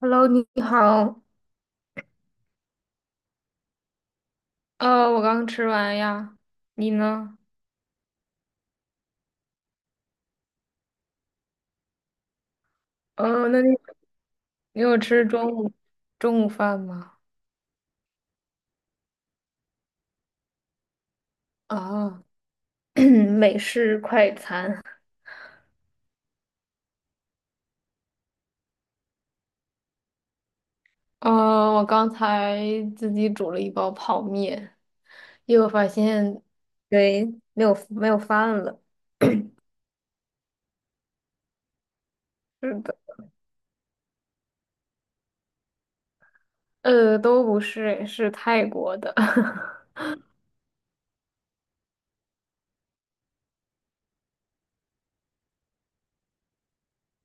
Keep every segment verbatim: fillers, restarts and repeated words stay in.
Hello，你好。呃，我刚吃完呀，你呢？呃，那你你有吃中午中午饭吗？啊，美式快餐。呃，我刚才自己煮了一包泡面，又发现，对，没有没有饭了。是的，呃，都不是，是泰国的，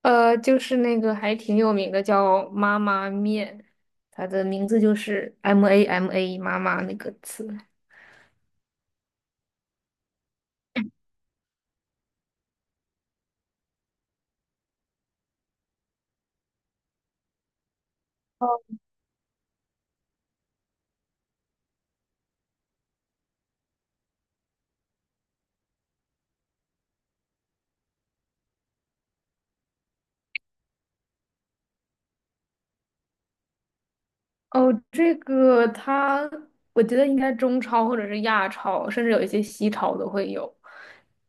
呃，就是那个还挺有名的，叫妈妈面，它的名字就是 M A M A 妈妈那个词。哦，哦，这个它，我觉得应该中超或者是亚超，甚至有一些西超都会有。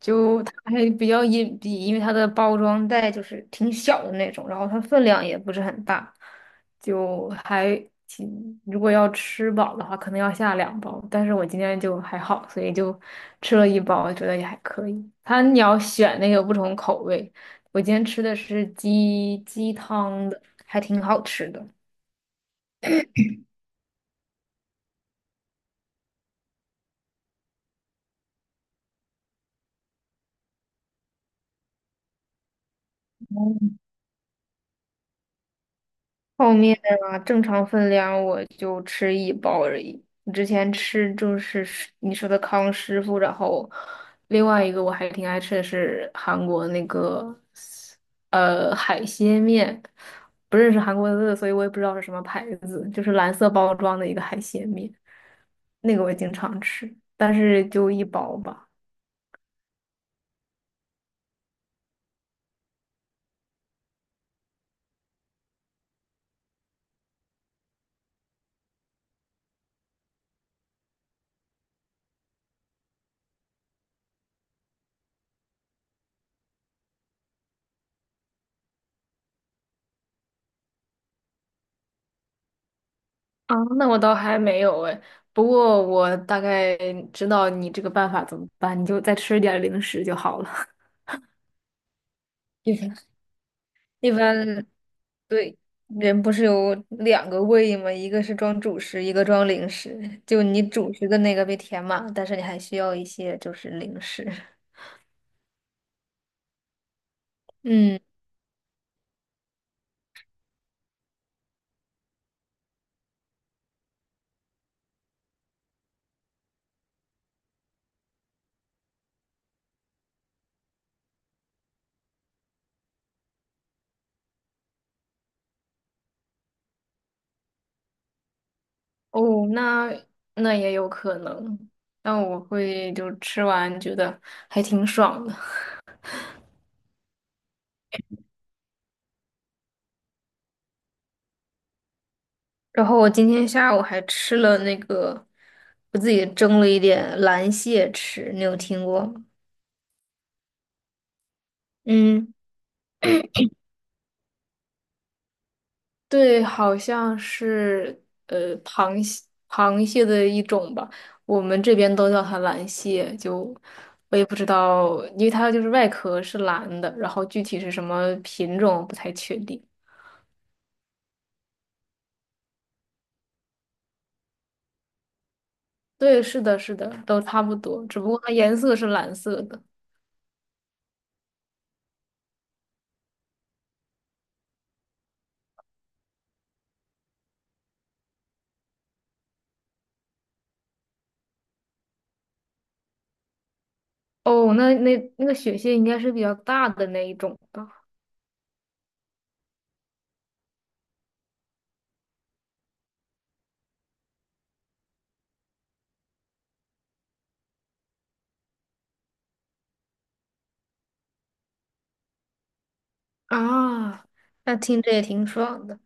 就它还比较隐蔽，因为它的包装袋就是挺小的那种，然后它分量也不是很大，就还挺，如果要吃饱的话，可能要下两包。但是我今天就还好，所以就吃了一包，觉得也还可以。它你要选那个不同口味，我今天吃的是鸡鸡汤的，还挺好吃的。泡面啊，正常分量我就吃一包而已。我之前吃就是是你说的康师傅，然后另外一个我还挺爱吃的是韩国那个呃海鲜面，不认识韩国字，所以我也不知道是什么牌子，就是蓝色包装的一个海鲜面，那个我经常吃，但是就一包吧。啊，那我倒还没有哎，不过我大概知道你这个办法怎么办，你就再吃点零食就好了。一般一般对，人不是有两个胃吗？一个是装主食，一个装零食。就你主食的那个被填满，但是你还需要一些就是零食。嗯，哦，那那也有可能，那我会就吃完觉得还挺爽的。然后我今天下午还吃了那个，我自己蒸了一点蓝蟹吃，你有听过吗？嗯。对，好像是呃螃蟹螃蟹的一种吧，我们这边都叫它蓝蟹，就我也不知道，因为它就是外壳是蓝的，然后具体是什么品种不太确定。对，是的，是的，都差不多，只不过它颜色是蓝色的。哦，那那那个雪蟹应该是比较大的那一种吧？啊，那听着也挺爽的。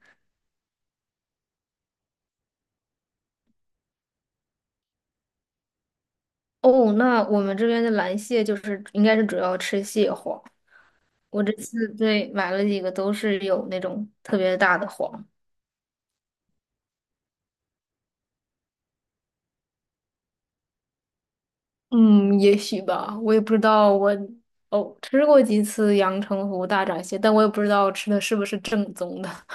哦，那我们这边的蓝蟹就是应该是主要吃蟹黄。我这次对买了几个都是有那种特别大的黄。嗯，也许吧，我也不知道我。哦，吃过几次阳澄湖大闸蟹，但我也不知道吃的是不是正宗的。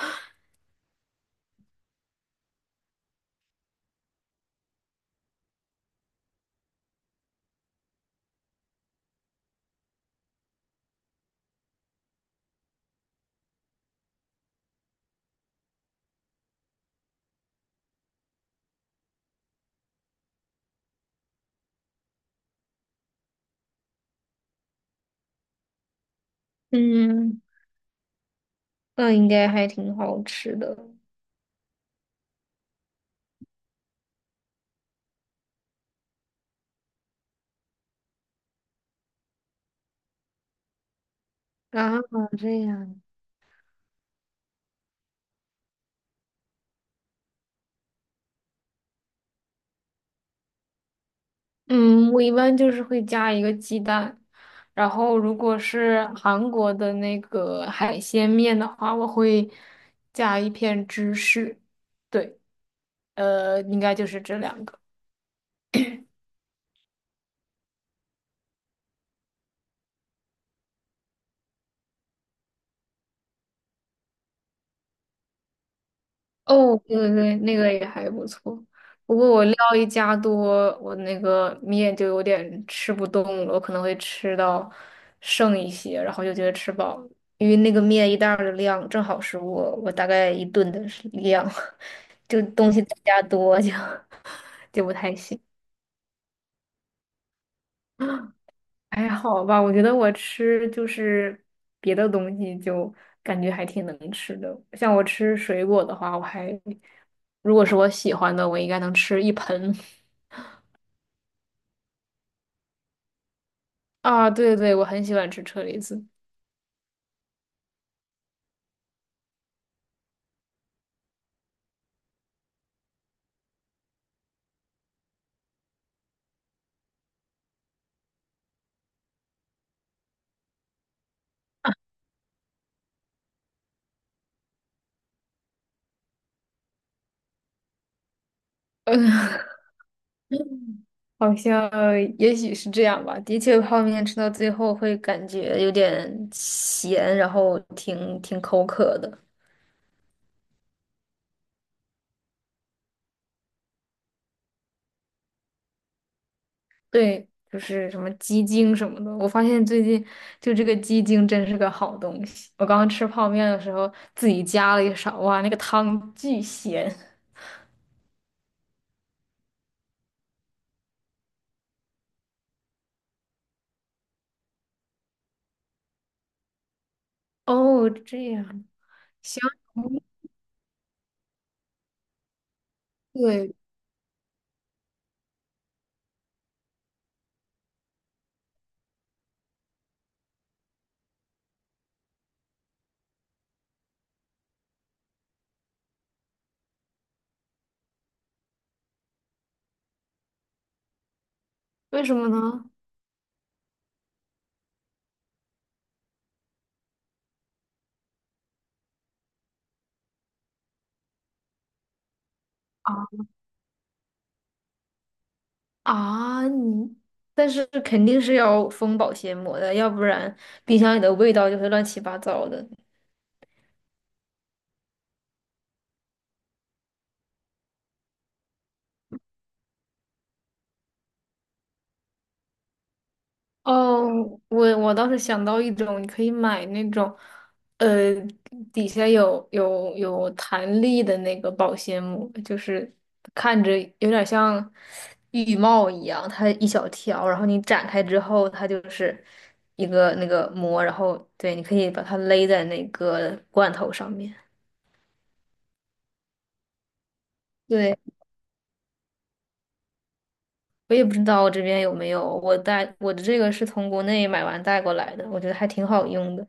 嗯，那应该还挺好吃的。啊，这样。嗯，我一般就是会加一个鸡蛋，然后如果是韩国的那个海鲜面的话，我会加一片芝士。对，呃，应该就是这两个。哦，对对对，那个也还不错。不过我料一加多，我那个面就有点吃不动了，我可能会吃到剩一些，然后就觉得吃饱了，因为那个面一袋儿的量正好是我我大概一顿的量，就东西再加多就 就不太行。还好吧，我觉得我吃就是别的东西就感觉还挺能吃的。像我吃水果的话，我还如果是我喜欢的，我应该能吃一盆。啊，对对，我很喜欢吃车厘子。嗯，好像也许是这样吧。的确，泡面吃到最后会感觉有点咸，然后挺挺口渴的。对，就是什么鸡精什么的。我发现最近就这个鸡精真是个好东西。我刚刚吃泡面的时候自己加了一勺，哇，那个汤巨咸。哦，这样，行，嗯对，为什么呢？啊啊，你，但是肯定是要封保鲜膜的，要不然冰箱里的味道就会乱七八糟的。哦，我我倒是想到一种，你可以买那种，呃，底下有有有弹力的那个保鲜膜，就是看着有点像浴帽一样，它一小条，然后你展开之后，它就是一个那个膜，然后对，你可以把它勒在那个罐头上面。对，我也不知道我这边有没有，我带我的这个是从国内买完带过来的，我觉得还挺好用的。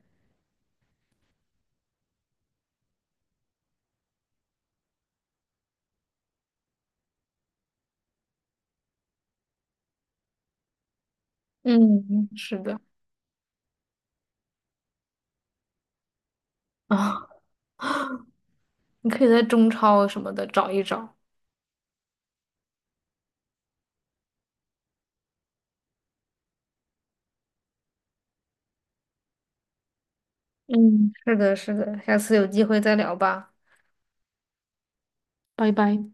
嗯，是的。啊。你可以在中超什么的找一找。嗯，是的，是的，下次有机会再聊吧，拜拜。